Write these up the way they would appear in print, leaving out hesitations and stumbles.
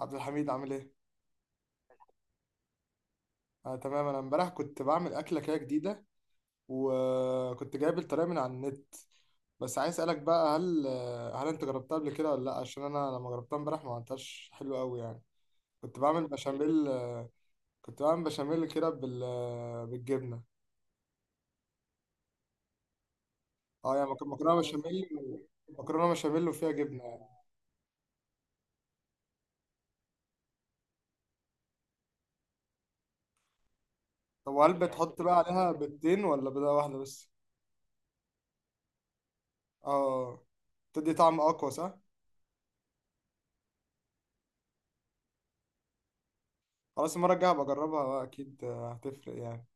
عبد الحميد عامل ايه؟ آه، تمام. انا امبارح كنت بعمل اكله كده جديده، وكنت جايب الطريقه من على النت. بس عايز اسالك بقى، هل انت جربتها قبل كده ولا لا؟ عشان انا لما جربتها امبارح ما عملتهاش حلو قوي يعني. كنت بعمل بشاميل. كنت بعمل بشاميل كده بالجبنه. اه يعني مكرونه بشاميل مكرونه بشاميل وفيها جبنه يعني. طب وهل بتحط بقى عليها بيضتين ولا بيضه واحده بس؟ اه، تدي طعم اقوى صح؟ خلاص، المره الجايه هبقى اجربها بقى، اكيد هتفرق يعني.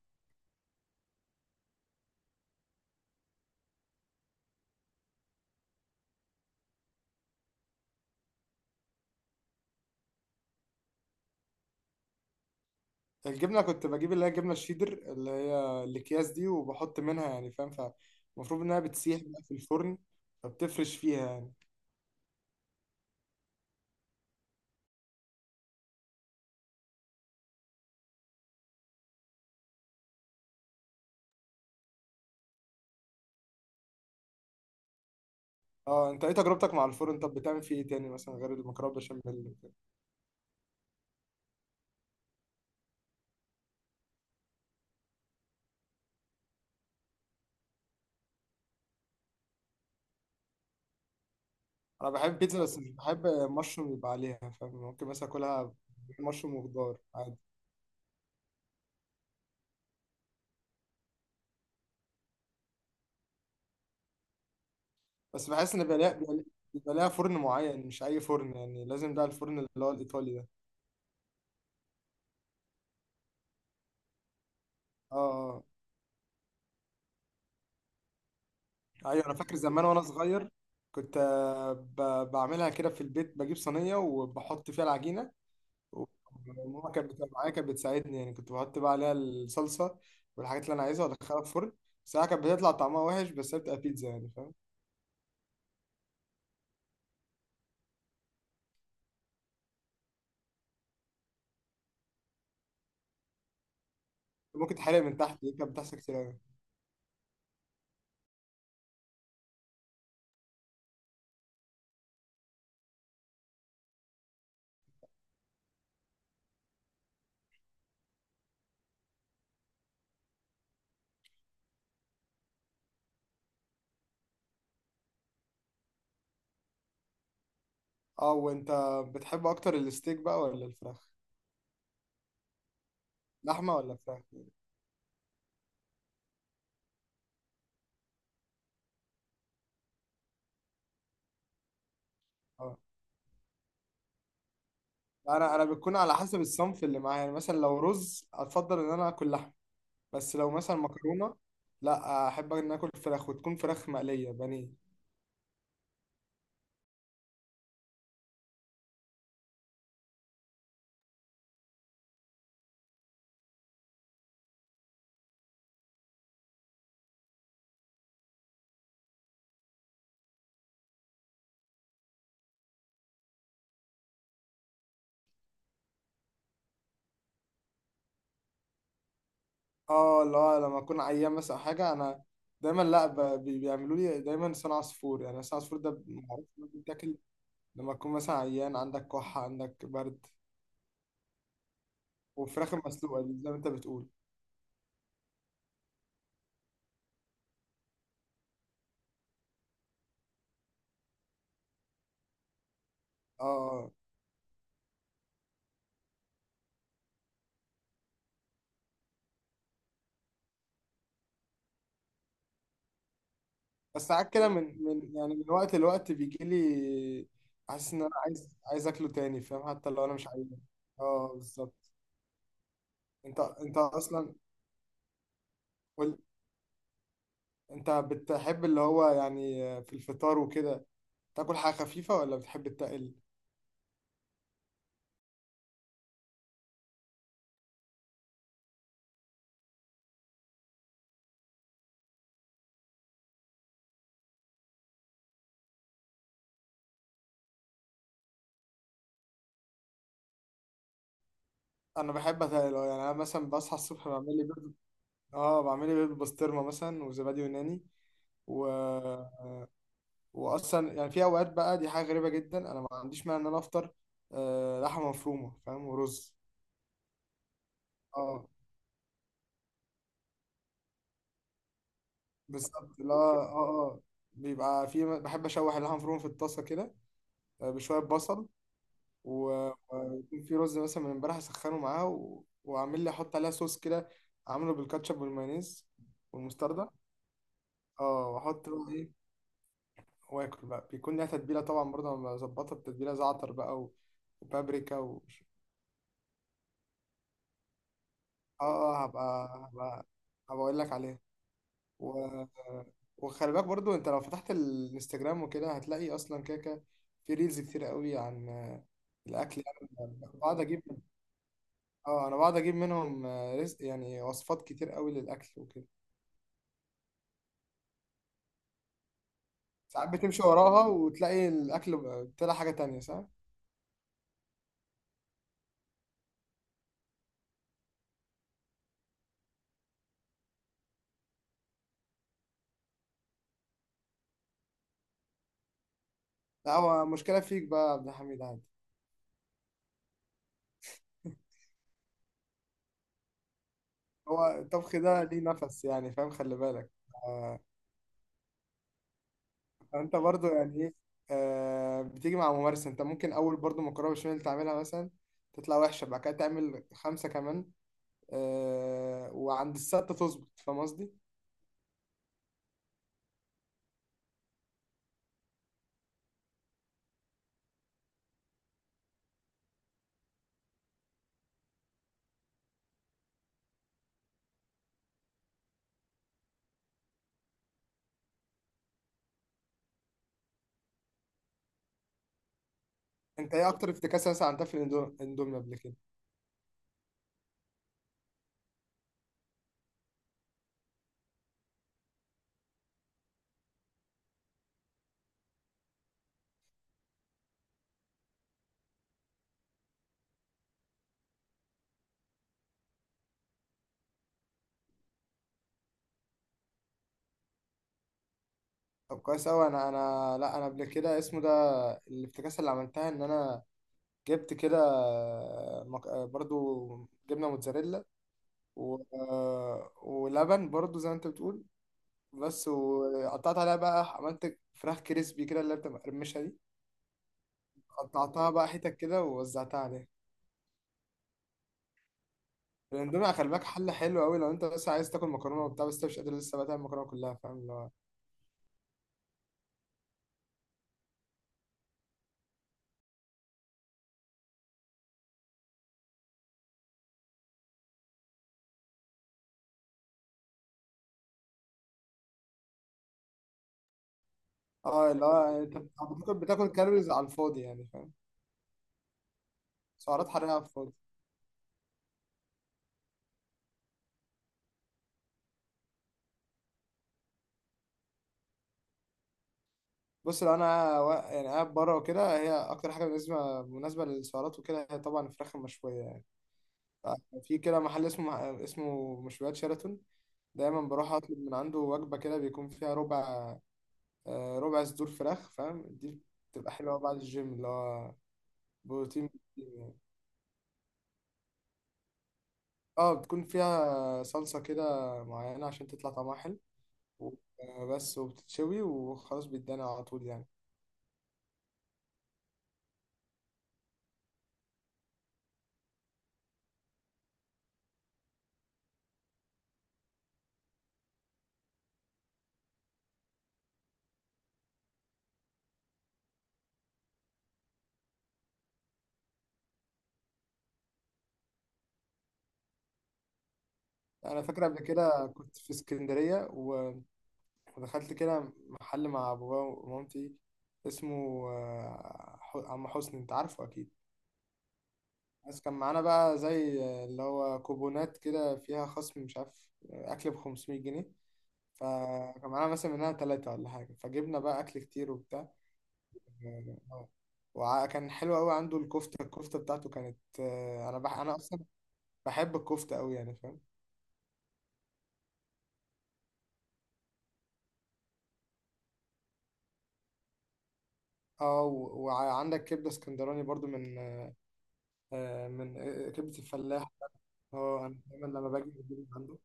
الجبنه كنت بجيب اللي هي الجبنه الشيدر، اللي هي الاكياس دي، وبحط منها يعني، فاهم؟ فالمفروض انها بتسيح بقى في الفرن، فبتفرش فيها يعني. اه، انت ايه تجربتك مع الفرن؟ طب بتعمل فيه ايه تاني مثلا غير المكرونه بشاميل وكده؟ انا بحب بيتزا، بس مش بحب مشروم يبقى عليها، فاهم؟ ممكن مثلا اكلها مشروم وخضار عادي. بس بحس ان بيبقى ليها فرن معين، مش اي فرن يعني. لازم بقى الفرن اللي هو الايطالي ده. اه آه. ايوه، انا فاكر زمان وانا صغير كنت بعملها كده في البيت، بجيب صينيه وبحط فيها العجينه، وماما كانت بتبقى معايا، كانت بتساعدني يعني. كنت بحط بقى عليها الصلصه والحاجات اللي انا عايزها وادخلها الفرن. ساعة كانت بتطلع طعمها وحش، بس هي بتبقى بيتزا يعني، فاهم؟ ممكن تحرق من تحت، دي كانت بتحصل كتير أوي. اه، وانت بتحب اكتر الستيك بقى ولا الفراخ؟ لحمه ولا فراخ يعني؟ اه، انا بتكون على حسب الصنف اللي معايا يعني. مثلا لو رز، اتفضل ان انا اكل لحمه. بس لو مثلا مكرونه، لا، احب ان اكل فراخ، وتكون فراخ مقليه بانيه. اه لا، لما اكون عيان مثلا أو حاجه، انا دايما لا، بيعملوا لي دايما لسان عصفور يعني. لسان عصفور ده معروف إنه بيتاكل لما تكون مثلا عيان، عندك كحه، عندك برد. وفراخ المسلوقه دي زي ما انت بتقول. اه، بس ساعات كده من يعني، من وقت لوقت بيجي لي حاسس ان انا عايز اكله تاني، فاهم؟ حتى لو انا مش عايز. اه بالظبط. انت اصلا قول. انت بتحب اللي هو يعني في الفطار وكده تاكل حاجه خفيفه ولا بتحب التقل؟ انا بحب اتقل اه. يعني انا مثلا بصحى الصبح بعمل لي بيض. اه، بعمل لي بيض بسطرمه مثلا وزبادي يوناني و... واصلا يعني، في اوقات بقى، دي حاجه غريبه جدا، انا ما عنديش مانع ان انا افطر لحمه مفرومه، فاهم؟ ورز. اه بالظبط. لا اه اه، بيبقى في، بحب اشوح اللحمه المفرومه في الطاسه كده، بشويه بصل، ويكون في رز مثلا من امبارح اسخنه معاه، واعمل لي، احط عليها صوص كده، اعمله بالكاتشب والمايونيز والمستردة. اه، واحط بقى ايه، واكل بقى. بيكون ليها تتبيله طبعا برضه، انا بظبطها بتتبيله زعتر بقى، وبابريكا اه اه، هبقى اقول لك عليها. و... وخلي بالك برضه، انت لو فتحت الانستجرام وكده، هتلاقي اصلا كده كده في ريلز كتير قوي عن الاكل. يعني بقعد اجيب. اه، انا بقعد اجيب منهم رزق يعني، وصفات كتير قوي للاكل وكده. ساعات بتمشي وراها وتلاقي الاكل طلع حاجه تانية، صح؟ لا، هو مشكله فيك بقى يا عبد الحميد، عادي. هو الطبخ ده ليه نفس يعني، فاهم؟ خلي بالك. آه انت برضو يعني ايه، بتيجي مع ممارسه. انت ممكن اول برضو مكرونه بشاميل تعملها مثلا، تطلع وحشه، بعد كده تعمل خمسه كمان، وعند السته تظبط، فاهم قصدي؟ انت ايه اكتر افتكاسه مثلا عملتها في الاندومي قبل كده؟ طب كويس قوي. انا لا، انا قبل كده اسمه ده، الافتكاسة اللي عملتها إن أنا جبت كده برضو جبنة موتزاريلا و... ولبن برضو زي ما أنت بتقول، بس، وقطعت عليها بقى، عملت فراخ كريسبي كده، اللي هي بتبقى مقرمشة دي، قطعتها بقى حتت كده ووزعتها عليها. الاندومي خلي بالك، حلو قوي لو انت بس عايز تاكل مكرونه وبتاع، بس انت مش قادر لسه بقى تعمل المكرونه كلها، فاهم اللي هو؟ اه، اللي هو انت بتاكل كالوريز على الفاضي يعني، فاهم؟ سعرات حراريه على الفاضي. بص، لو انا يعني قاعد بره وكده، هي اكتر حاجه بالنسبه مناسبه للسعرات وكده هي طبعا الفراخ المشويه يعني. آه، في كده محل اسمه مشويات شيراتون، دايما بروح اطلب من عنده وجبه كده، بيكون فيها ربع، ربع صدور فراخ، فاهم دي؟ بتبقى حلوه بعد الجيم، اللي هو بروتين، بروتين يعني. اه، بتكون فيها صلصه كده معينه عشان تطلع طعمها حلو، و- بس، وبتتشوي وخلاص، بيتدانى على طول يعني. انا فاكر قبل كده كنت في اسكندريه، و فدخلت كده محل مع بابا ومامتي، اسمه عم حسني، انت عارفه اكيد. بس كان معانا بقى زي اللي هو كوبونات كده فيها خصم، مش عارف، اكل ب 500 جنيه. فكان معانا مثلا منها ثلاثة ولا حاجة، فجبنا بقى أكل كتير وبتاع. آه، وكان حلو قوي عنده الكفتة بتاعته كانت أنا أصلا بحب الكفتة قوي يعني، فاهم؟ اه، وعندك كبدة اسكندراني برضو من كبدة الفلاح. اه، انا دايما لما باجي بجيب من عنده.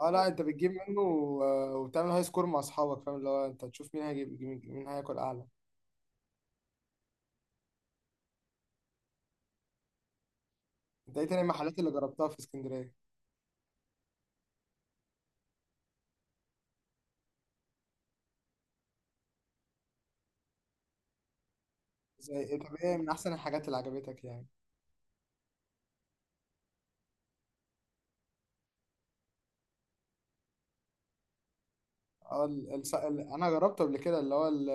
اه لا، انت بتجيب منه. وبتعمل هاي سكور مع اصحابك، فاهم اللي هو؟ انت تشوف مين هيجيب، مين هياكل اعلى. انت ايه تاني المحلات اللي جربتها في اسكندريه؟ زي ايه؟ طب ايه من احسن الحاجات اللي عجبتك يعني؟ اه، انا جربته قبل كده، اللي هو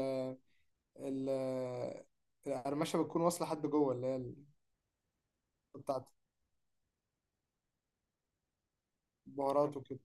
ال... القرمشه بتكون واصله لحد جوه، اللي هي بتاعت بهارات وكده.